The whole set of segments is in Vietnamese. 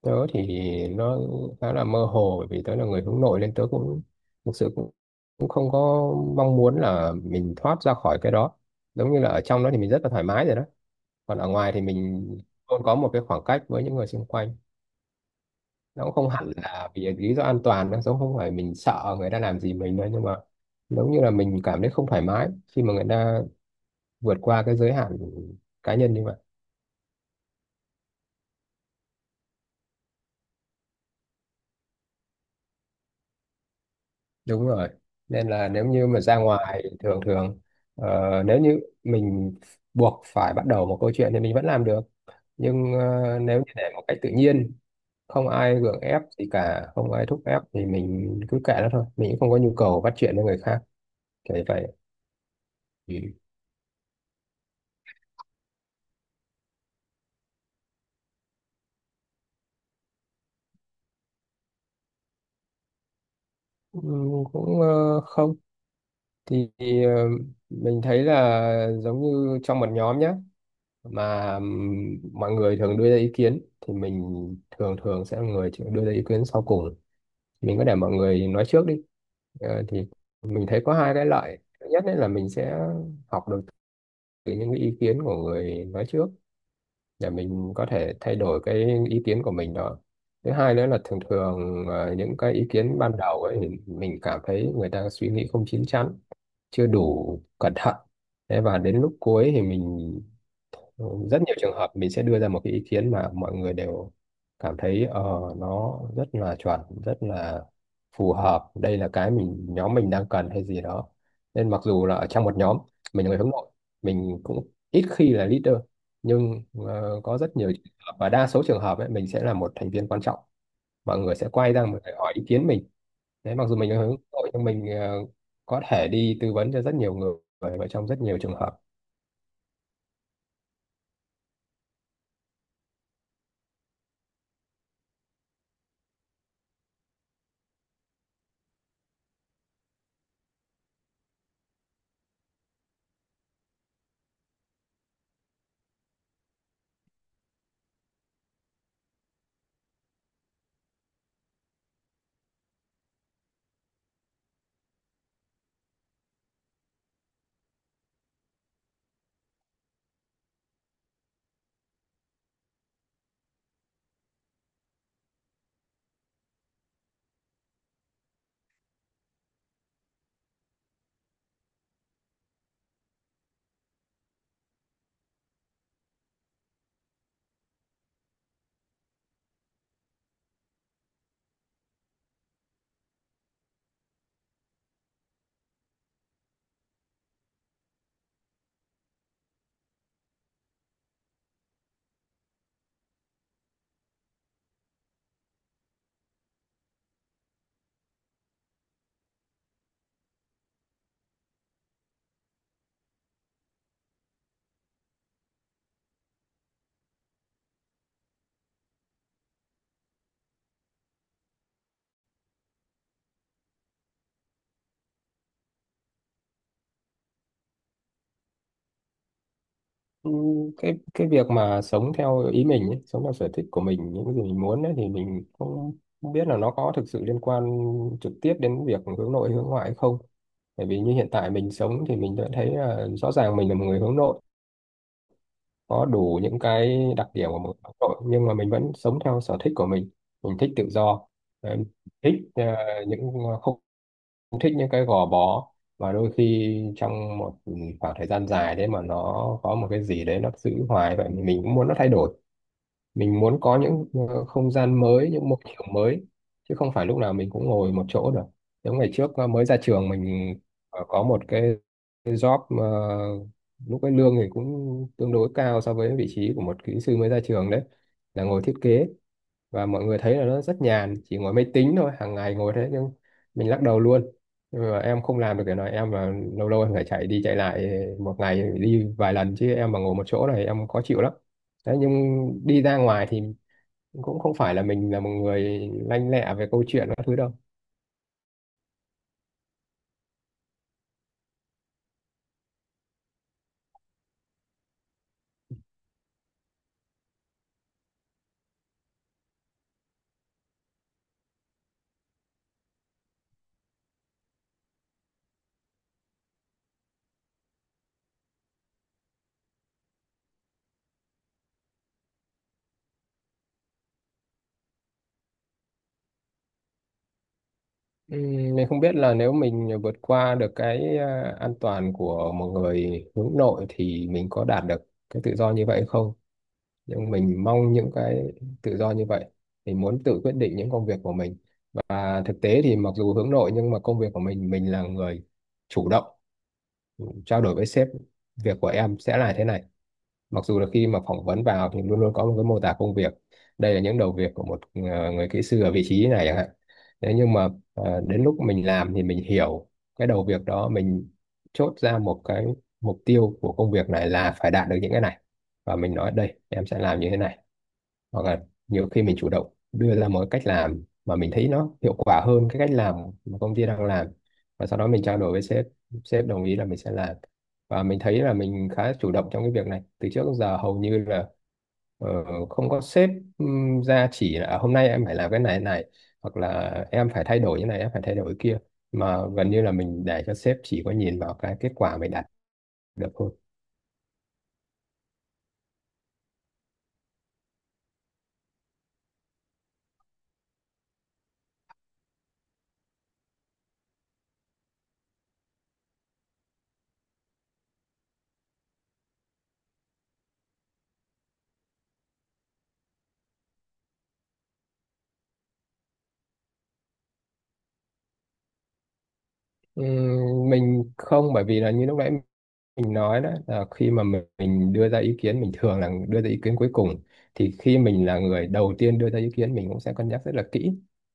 Tớ thì nó khá là mơ hồ, bởi vì tớ là người hướng nội nên tớ cũng thực sự cũng cũng không có mong muốn là mình thoát ra khỏi cái đó. Giống như là ở trong đó thì mình rất là thoải mái rồi đó, còn ở ngoài thì mình luôn có một cái khoảng cách với những người xung quanh. Nó cũng không hẳn là vì lý do an toàn, nó giống không phải mình sợ người ta làm gì mình nữa, nhưng mà giống như là mình cảm thấy không thoải mái khi mà người ta vượt qua cái giới hạn cá nhân như vậy. Đúng rồi, nên là nếu như mà ra ngoài thường thường, nếu như mình buộc phải bắt đầu một câu chuyện thì mình vẫn làm được, nhưng nếu như để một cách tự nhiên, không ai gượng ép gì cả, không ai thúc ép thì mình cứ kệ nó thôi, mình cũng không có nhu cầu bắt chuyện với người khác kiểu như vậy. Ừ. Ừ, cũng không thì ờ, mình thấy là giống như trong một nhóm nhé, mà mọi người thường đưa ra ý kiến thì mình thường thường sẽ là người chịu đưa ra ý kiến sau cùng, mình có để mọi người nói trước đi. Thì mình thấy có hai cái lợi. Thứ nhất đấy là mình sẽ học được từ những cái ý kiến của người nói trước, để mình có thể thay đổi cái ý kiến của mình đó. Thứ hai nữa là thường thường, những cái ý kiến ban đầu ấy thì mình cảm thấy người ta suy nghĩ không chín chắn, chưa đủ cẩn thận, thế và đến lúc cuối thì mình rất nhiều trường hợp mình sẽ đưa ra một cái ý kiến mà mọi người đều cảm thấy nó rất là chuẩn, rất là phù hợp, đây là cái nhóm mình đang cần hay gì đó. Nên mặc dù là ở trong một nhóm mình là người hướng nội, mình cũng ít khi là leader, nhưng có rất nhiều trường hợp và đa số trường hợp ấy, mình sẽ là một thành viên quan trọng, mọi người sẽ quay ra mình, hỏi ý kiến mình. Đấy, mặc dù mình là hướng nội nhưng mình có thể đi tư vấn cho rất nhiều người và trong rất nhiều trường hợp. Ừ, cái việc mà sống theo ý mình ấy, sống theo sở thích của mình, những cái gì mình muốn ấy, thì mình không không biết là nó có thực sự liên quan trực tiếp đến việc hướng nội hướng ngoại hay không. Bởi vì như hiện tại mình sống thì mình đã thấy là rõ ràng mình là một người hướng nội, có đủ những cái đặc điểm của một hướng nội, nhưng mà mình vẫn sống theo sở thích của mình. Mình thích tự do, ờ, thích những khung, cũng thích những cái gò bó, và đôi khi trong một khoảng thời gian dài đấy mà nó có một cái gì đấy nó giữ hoài vậy, mình cũng muốn nó thay đổi. Mình muốn có những không gian mới, những môi trường mới, chứ không phải lúc nào mình cũng ngồi một chỗ được. Giống ngày trước mới ra trường, mình có một cái job, lúc cái lương thì cũng tương đối cao so với vị trí của một kỹ sư mới ra trường, đấy là ngồi thiết kế, và mọi người thấy là nó rất nhàn, chỉ ngồi máy tính thôi, hàng ngày ngồi thế, nhưng mình lắc đầu luôn. Nhưng mà em không làm được cái này, em là lâu lâu em phải chạy đi chạy lại, một ngày phải đi vài lần, chứ em mà ngồi một chỗ này em khó chịu lắm. Đấy, nhưng đi ra ngoài thì cũng không phải là mình là một người lanh lẹ về câu chuyện các thứ đâu. Mình không biết là nếu mình vượt qua được cái an toàn của một người hướng nội thì mình có đạt được cái tự do như vậy không, nhưng mình mong những cái tự do như vậy. Mình muốn tự quyết định những công việc của mình, và thực tế thì mặc dù hướng nội nhưng mà công việc của mình là người chủ động trao đổi với sếp: việc của em sẽ là thế này. Mặc dù là khi mà phỏng vấn vào thì luôn luôn có một cái mô tả công việc, đây là những đầu việc của một người kỹ sư ở vị trí này chẳng hạn. Thế nhưng mà đến lúc mình làm thì mình hiểu cái đầu việc đó, mình chốt ra một cái mục tiêu của công việc này là phải đạt được những cái này, và mình nói đây em sẽ làm như thế này. Hoặc là nhiều khi mình chủ động đưa ra một cái cách làm mà mình thấy nó hiệu quả hơn cái cách làm mà công ty đang làm, và sau đó mình trao đổi với sếp, sếp đồng ý là mình sẽ làm. Và mình thấy là mình khá chủ động trong cái việc này, từ trước đến giờ hầu như là ờ, không có sếp ra chỉ là "À, hôm nay em phải làm cái này này, hoặc là em phải thay đổi như này, em phải thay đổi kia", mà gần như là mình để cho sếp chỉ có nhìn vào cái kết quả mình đạt được thôi. Mình không, bởi vì là như lúc nãy mình nói đó là khi mà mình đưa ra ý kiến mình thường là đưa ra ý kiến cuối cùng, thì khi mình là người đầu tiên đưa ra ý kiến mình cũng sẽ cân nhắc rất là kỹ.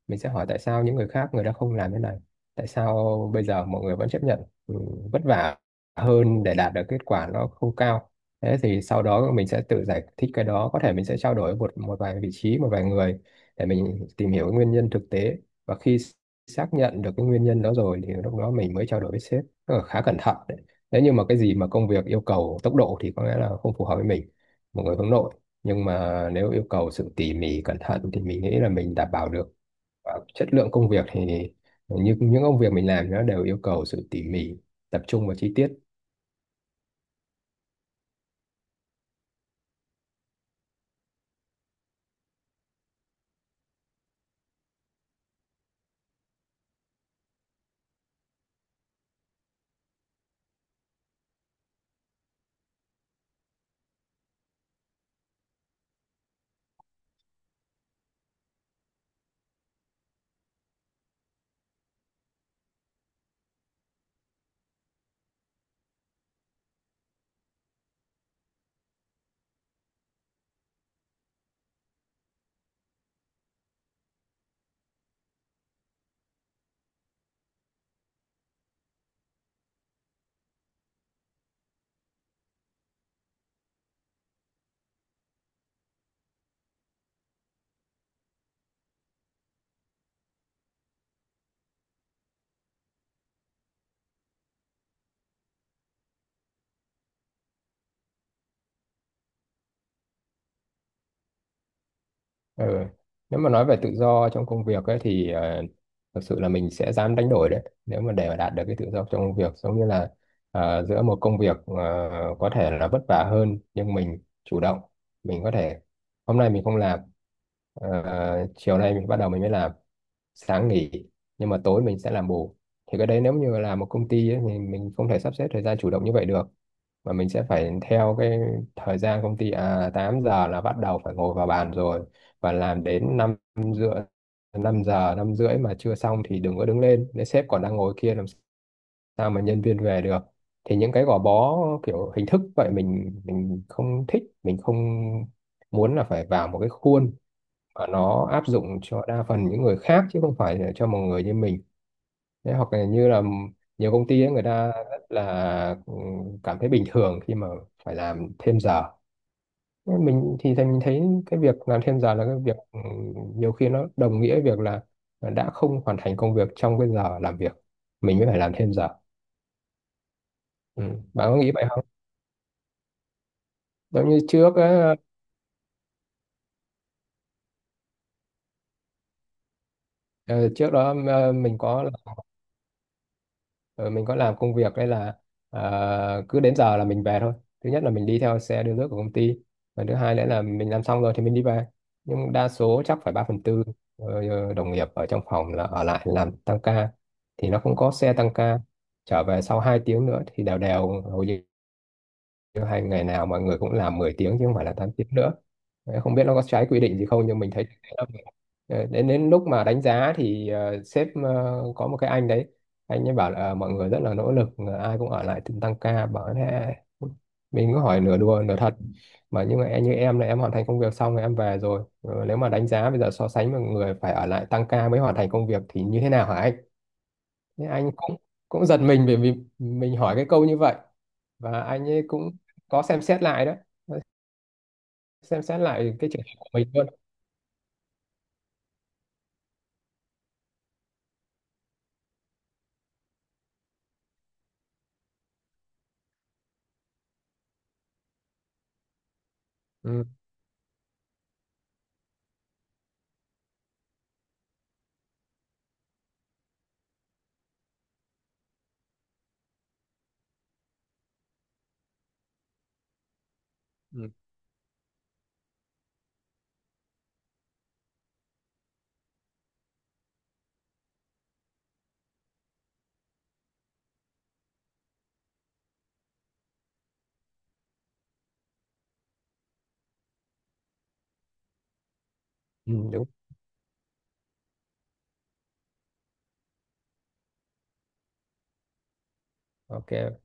Mình sẽ hỏi tại sao những người khác người ta không làm thế này, tại sao bây giờ mọi người vẫn chấp nhận ừ, vất vả hơn để đạt được kết quả nó không cao. Thế thì sau đó mình sẽ tự giải thích cái đó, có thể mình sẽ trao đổi với một một vài vị trí, một vài người để mình tìm hiểu cái nguyên nhân thực tế. Và khi xác nhận được cái nguyên nhân đó rồi thì lúc đó mình mới trao đổi với sếp. Tức là khá cẩn thận. Nếu như mà cái gì mà công việc yêu cầu tốc độ thì có lẽ là không phù hợp với mình, một người hướng nội, nhưng mà nếu yêu cầu sự tỉ mỉ cẩn thận thì mình nghĩ là mình đảm bảo được. Và chất lượng công việc thì như những công việc mình làm nó đều yêu cầu sự tỉ mỉ, tập trung vào chi tiết. Ừ. Nếu mà nói về tự do trong công việc ấy, thì thực sự là mình sẽ dám đánh đổi đấy, nếu mà để mà đạt được cái tự do trong công việc. Giống như là giữa một công việc có thể là vất vả hơn nhưng mình chủ động, mình có thể hôm nay mình không làm, chiều nay mình bắt đầu mình mới làm, sáng nghỉ nhưng mà tối mình sẽ làm bù. Thì cái đấy nếu như là một công ty ấy, thì mình không thể sắp xếp thời gian chủ động như vậy được, mà mình sẽ phải theo cái thời gian công ty, à 8 giờ là bắt đầu phải ngồi vào bàn rồi, và làm đến 5:30. 5 giờ 5:30 mà chưa xong thì đừng có đứng lên, nếu sếp còn đang ngồi kia làm sao mà nhân viên về được. Thì những cái gò bó kiểu hình thức vậy mình không thích, mình không muốn là phải vào một cái khuôn mà nó áp dụng cho đa phần những người khác chứ không phải là cho một người như mình. Thế hoặc là như là nhiều công ty ấy, người ta rất là cảm thấy bình thường khi mà phải làm thêm giờ, nhưng mình thì mình thấy cái việc làm thêm giờ là cái việc nhiều khi nó đồng nghĩa việc là đã không hoàn thành công việc trong cái giờ làm việc, mình mới phải làm thêm giờ. Ừ. Bạn có nghĩ vậy không? Giống như trước á, ờ, trước đó mình có làm công việc đây là, cứ đến giờ là mình về thôi. Thứ nhất là mình đi theo xe đưa nước của công ty, và thứ hai nữa là mình làm xong rồi thì mình đi về, nhưng đa số chắc phải 3 phần tư đồng nghiệp ở trong phòng là ở lại làm tăng ca. Thì nó cũng có xe tăng ca trở về sau 2 tiếng nữa, thì đều đều hầu như nếu hay ngày nào mọi người cũng làm 10 tiếng chứ không phải là 8 tiếng nữa. Đấy, không biết nó có trái quy định gì không nhưng mình thấy thế là mình- Ờ, đến đến lúc mà đánh giá thì sếp có một cái anh đấy, anh ấy bảo là mọi người rất là nỗ lực, ai cũng ở lại từng tăng ca bảo thế. Mình cứ hỏi nửa đùa nửa thật, mà nhưng mà em- như em là em hoàn thành công việc xong rồi em về rồi. Ờ, nếu mà đánh giá bây giờ so sánh với người phải ở lại tăng ca mới hoàn thành công việc thì như thế nào hả anh? Nên anh cũng cũng giật mình bởi vì mình hỏi cái câu như vậy, và anh ấy cũng có xem xét lại đó, xem xét lại cái trường hợp của mình luôn. Ừ. Ừ. Ừ, đúng. Ok.